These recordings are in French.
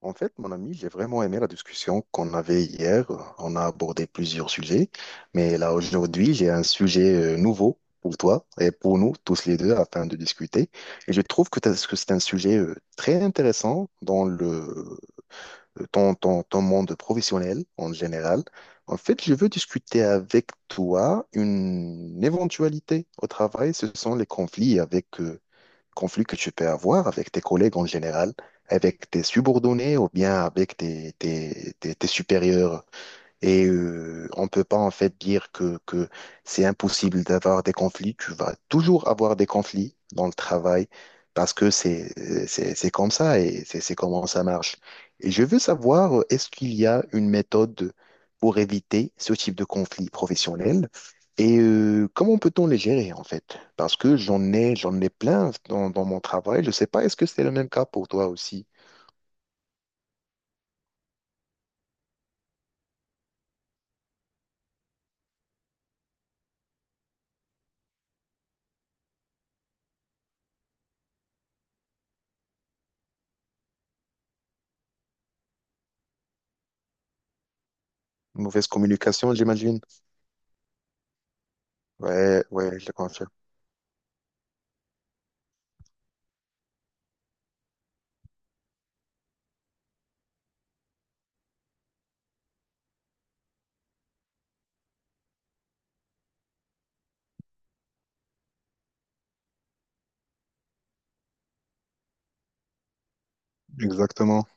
En fait, mon ami, j'ai vraiment aimé la discussion qu'on avait hier. On a abordé plusieurs sujets, mais là aujourd'hui, j'ai un sujet nouveau pour toi et pour nous tous les deux afin de discuter. Et je trouve que, que c'est un sujet très intéressant dans ton monde professionnel en général. En fait, je veux discuter avec toi une éventualité au travail. Ce sont les conflits conflits que tu peux avoir avec tes collègues en général, avec tes subordonnés ou bien avec tes supérieurs et on peut pas en fait dire que c'est impossible d'avoir des conflits. Tu vas toujours avoir des conflits dans le travail parce que c'est comme ça et c'est comment ça marche. Et je veux savoir, est-ce qu'il y a une méthode pour éviter ce type de conflit professionnel et comment peut-on les gérer en fait? Parce que j'en ai plein dans mon travail. Je sais pas, est-ce que c'est le même cas pour toi aussi? Mauvaise communication, j'imagine. Ouais, ouais, je le confirme. Exactement.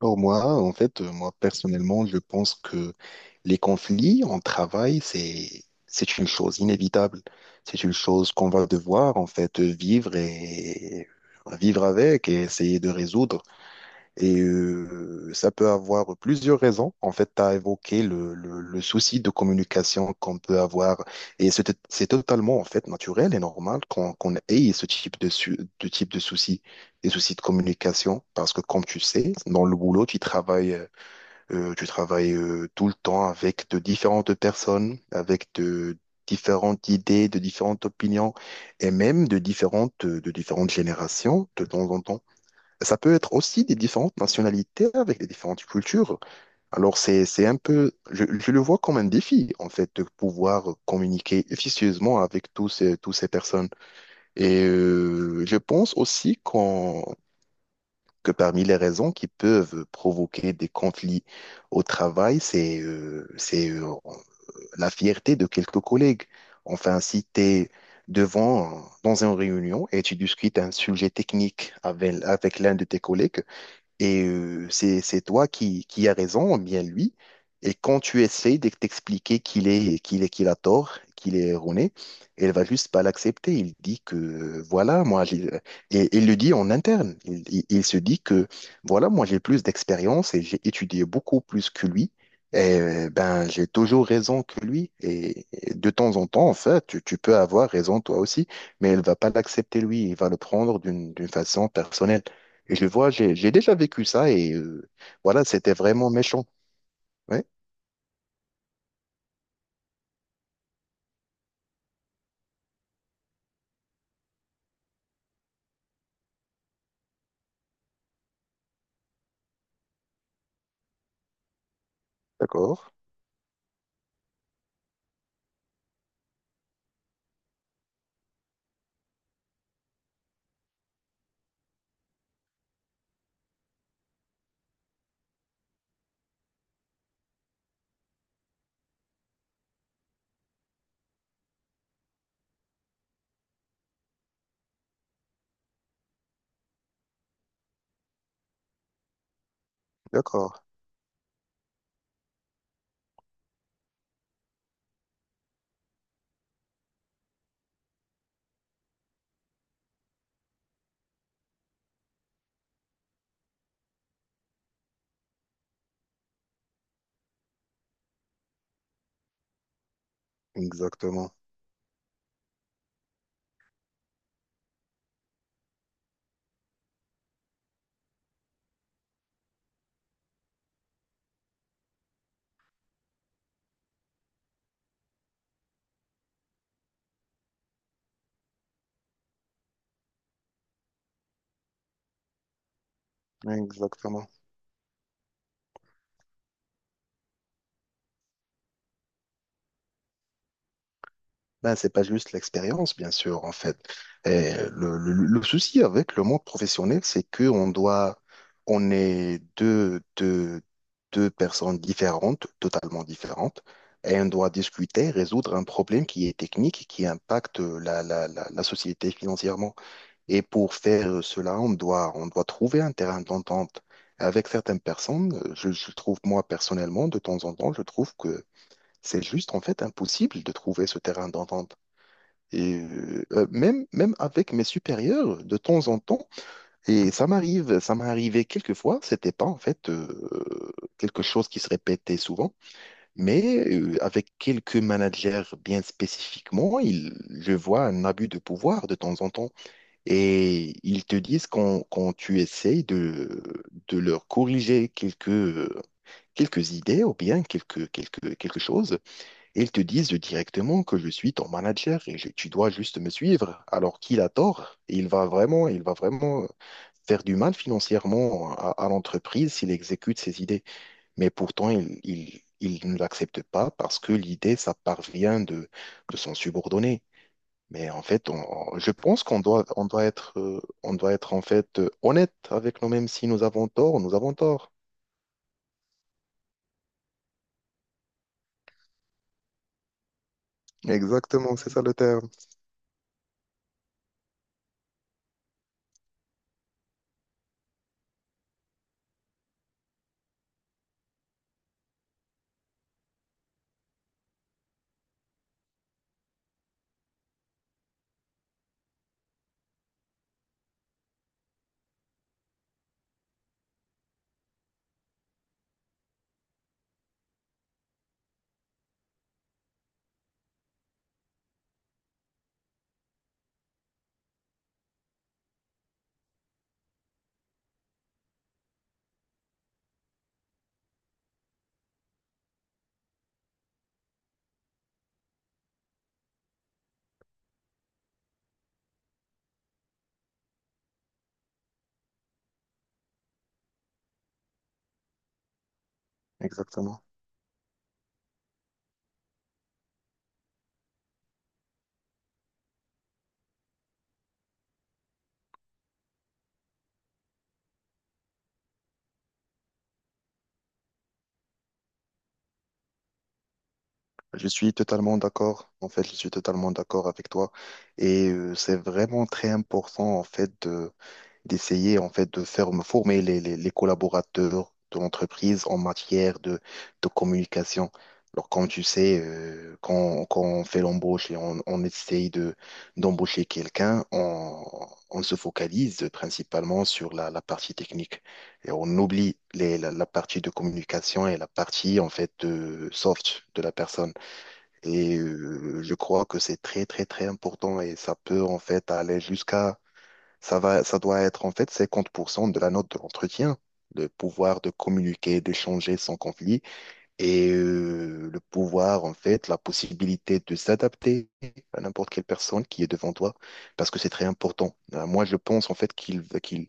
Pour moi, en fait, moi personnellement, je pense que les conflits en travail, c'est une chose inévitable. C'est une chose qu'on va devoir en fait vivre et vivre avec et essayer de résoudre. Et ça peut avoir plusieurs raisons. En fait, tu as évoqué le souci de communication qu'on peut avoir. Et c'est totalement, en fait, naturel et normal qu'on ait ce type de souci, des soucis de communication. Parce que, comme tu sais, dans le boulot, tu travailles tout le temps avec de différentes personnes, avec de différentes idées, de différentes opinions et même de différentes générations de temps en temps ça peut être aussi des différentes nationalités avec des différentes cultures. Alors, c'est un peu, je le vois comme un défi, en fait, de pouvoir communiquer efficacement avec tous ces personnes. Et je pense aussi que parmi les raisons qui peuvent provoquer des conflits au travail, c'est la fierté de quelques collègues. Enfin, si tu es devant, dans une réunion et tu discutes un sujet technique avec l'un de tes collègues, et c'est toi qui as raison, ou bien lui. Et quand tu essaies de t'expliquer qu'il a tort, qu'il est erroné, elle va juste pas l'accepter. Il dit que, voilà, moi, j'ai... Et il le dit en interne. Il se dit que, voilà, moi, j'ai plus d'expérience et j'ai étudié beaucoup plus que lui. Et ben, j'ai toujours raison que lui. Et de temps en temps, en fait, tu peux avoir raison toi aussi, mais elle va pas l'accepter lui. Il va le prendre d'une façon personnelle. Et je vois, j'ai déjà vécu ça et voilà, c'était vraiment méchant. Ouais. D'accord, d'accord, exactement, exactement. Ben, c'est pas juste l'expérience, bien sûr, en fait. Et le souci avec le monde professionnel, c'est que on doit, on est deux personnes différentes, totalement différentes, et on doit discuter, résoudre un problème qui est technique, qui impacte la société financièrement. Et pour faire cela, on doit trouver un terrain d'entente. Avec certaines personnes, je trouve, moi, personnellement, de temps en temps, je trouve que c'est juste, en fait, impossible de trouver ce terrain d'entente. Et même, même avec mes supérieurs, de temps en temps, et ça m'arrive, ça m'est arrivé quelques fois, c'était pas en fait quelque chose qui se répétait souvent, mais avec quelques managers bien spécifiquement, je vois un abus de pouvoir de temps en temps. Et ils te disent quand tu essayes de leur corriger quelques idées ou bien quelque chose, et ils te disent directement que je suis ton manager et tu dois juste me suivre. Alors qu'il a tort, il va vraiment faire du mal financièrement à l'entreprise s'il exécute ses idées. Mais pourtant, il ne l'accepte pas parce que l'idée, ça parvient de son subordonné. Mais en fait, je pense qu'on doit, on doit être en fait honnête avec nous-mêmes. Si nous avons tort, nous avons tort. Exactement, c'est ça le terme. Exactement. Je suis totalement d'accord. En fait, je suis totalement d'accord avec toi. Et c'est vraiment très important, en fait, d'essayer, en fait, de faire me former les collaborateurs de l'entreprise en matière de communication. Alors, comme tu sais, quand on fait l'embauche et on essaye d'embaucher quelqu'un, on se focalise principalement sur la partie technique. Et on oublie la partie de communication et la partie, en fait, de soft de la personne. Et je crois que c'est très, très, très important et ça peut en fait aller jusqu'à, ça va, ça doit être en fait 50% de la note de l'entretien, le pouvoir de communiquer, d'échanger sans conflit. Et le pouvoir, en fait, la possibilité de s'adapter à n'importe quelle personne qui est devant toi, parce que c'est très important. Moi, je pense, en fait,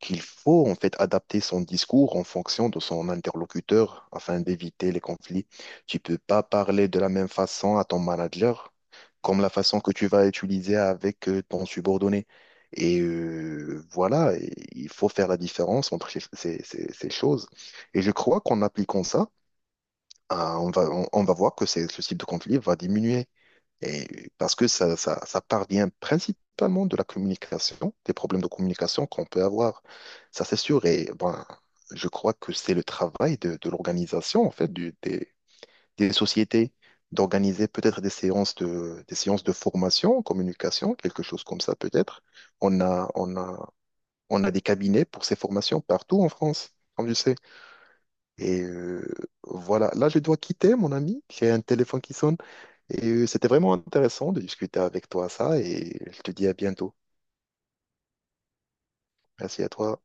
qu'il faut, en fait, adapter son discours en fonction de son interlocuteur afin d'éviter les conflits. Tu peux pas parler de la même façon à ton manager comme la façon que tu vas utiliser avec ton subordonné. Et voilà, et il faut faire la différence entre ces choses. Et je crois qu'en appliquant ça, ah, on va voir que c'est, ce type de conflit va diminuer. Et parce que ça parvient principalement de la communication, des problèmes de communication qu'on peut avoir. Ça, c'est sûr. Et bon, je crois que c'est le travail de l'organisation, en fait, des sociétés, d'organiser peut-être des séances des séances de formation en communication, quelque chose comme ça, peut-être. On a, on a, on a des cabinets pour ces formations partout en France, comme tu sais. Et voilà, là je dois quitter mon ami, j'ai un téléphone qui sonne et c'était vraiment intéressant de discuter avec toi ça et je te dis à bientôt. Merci à toi.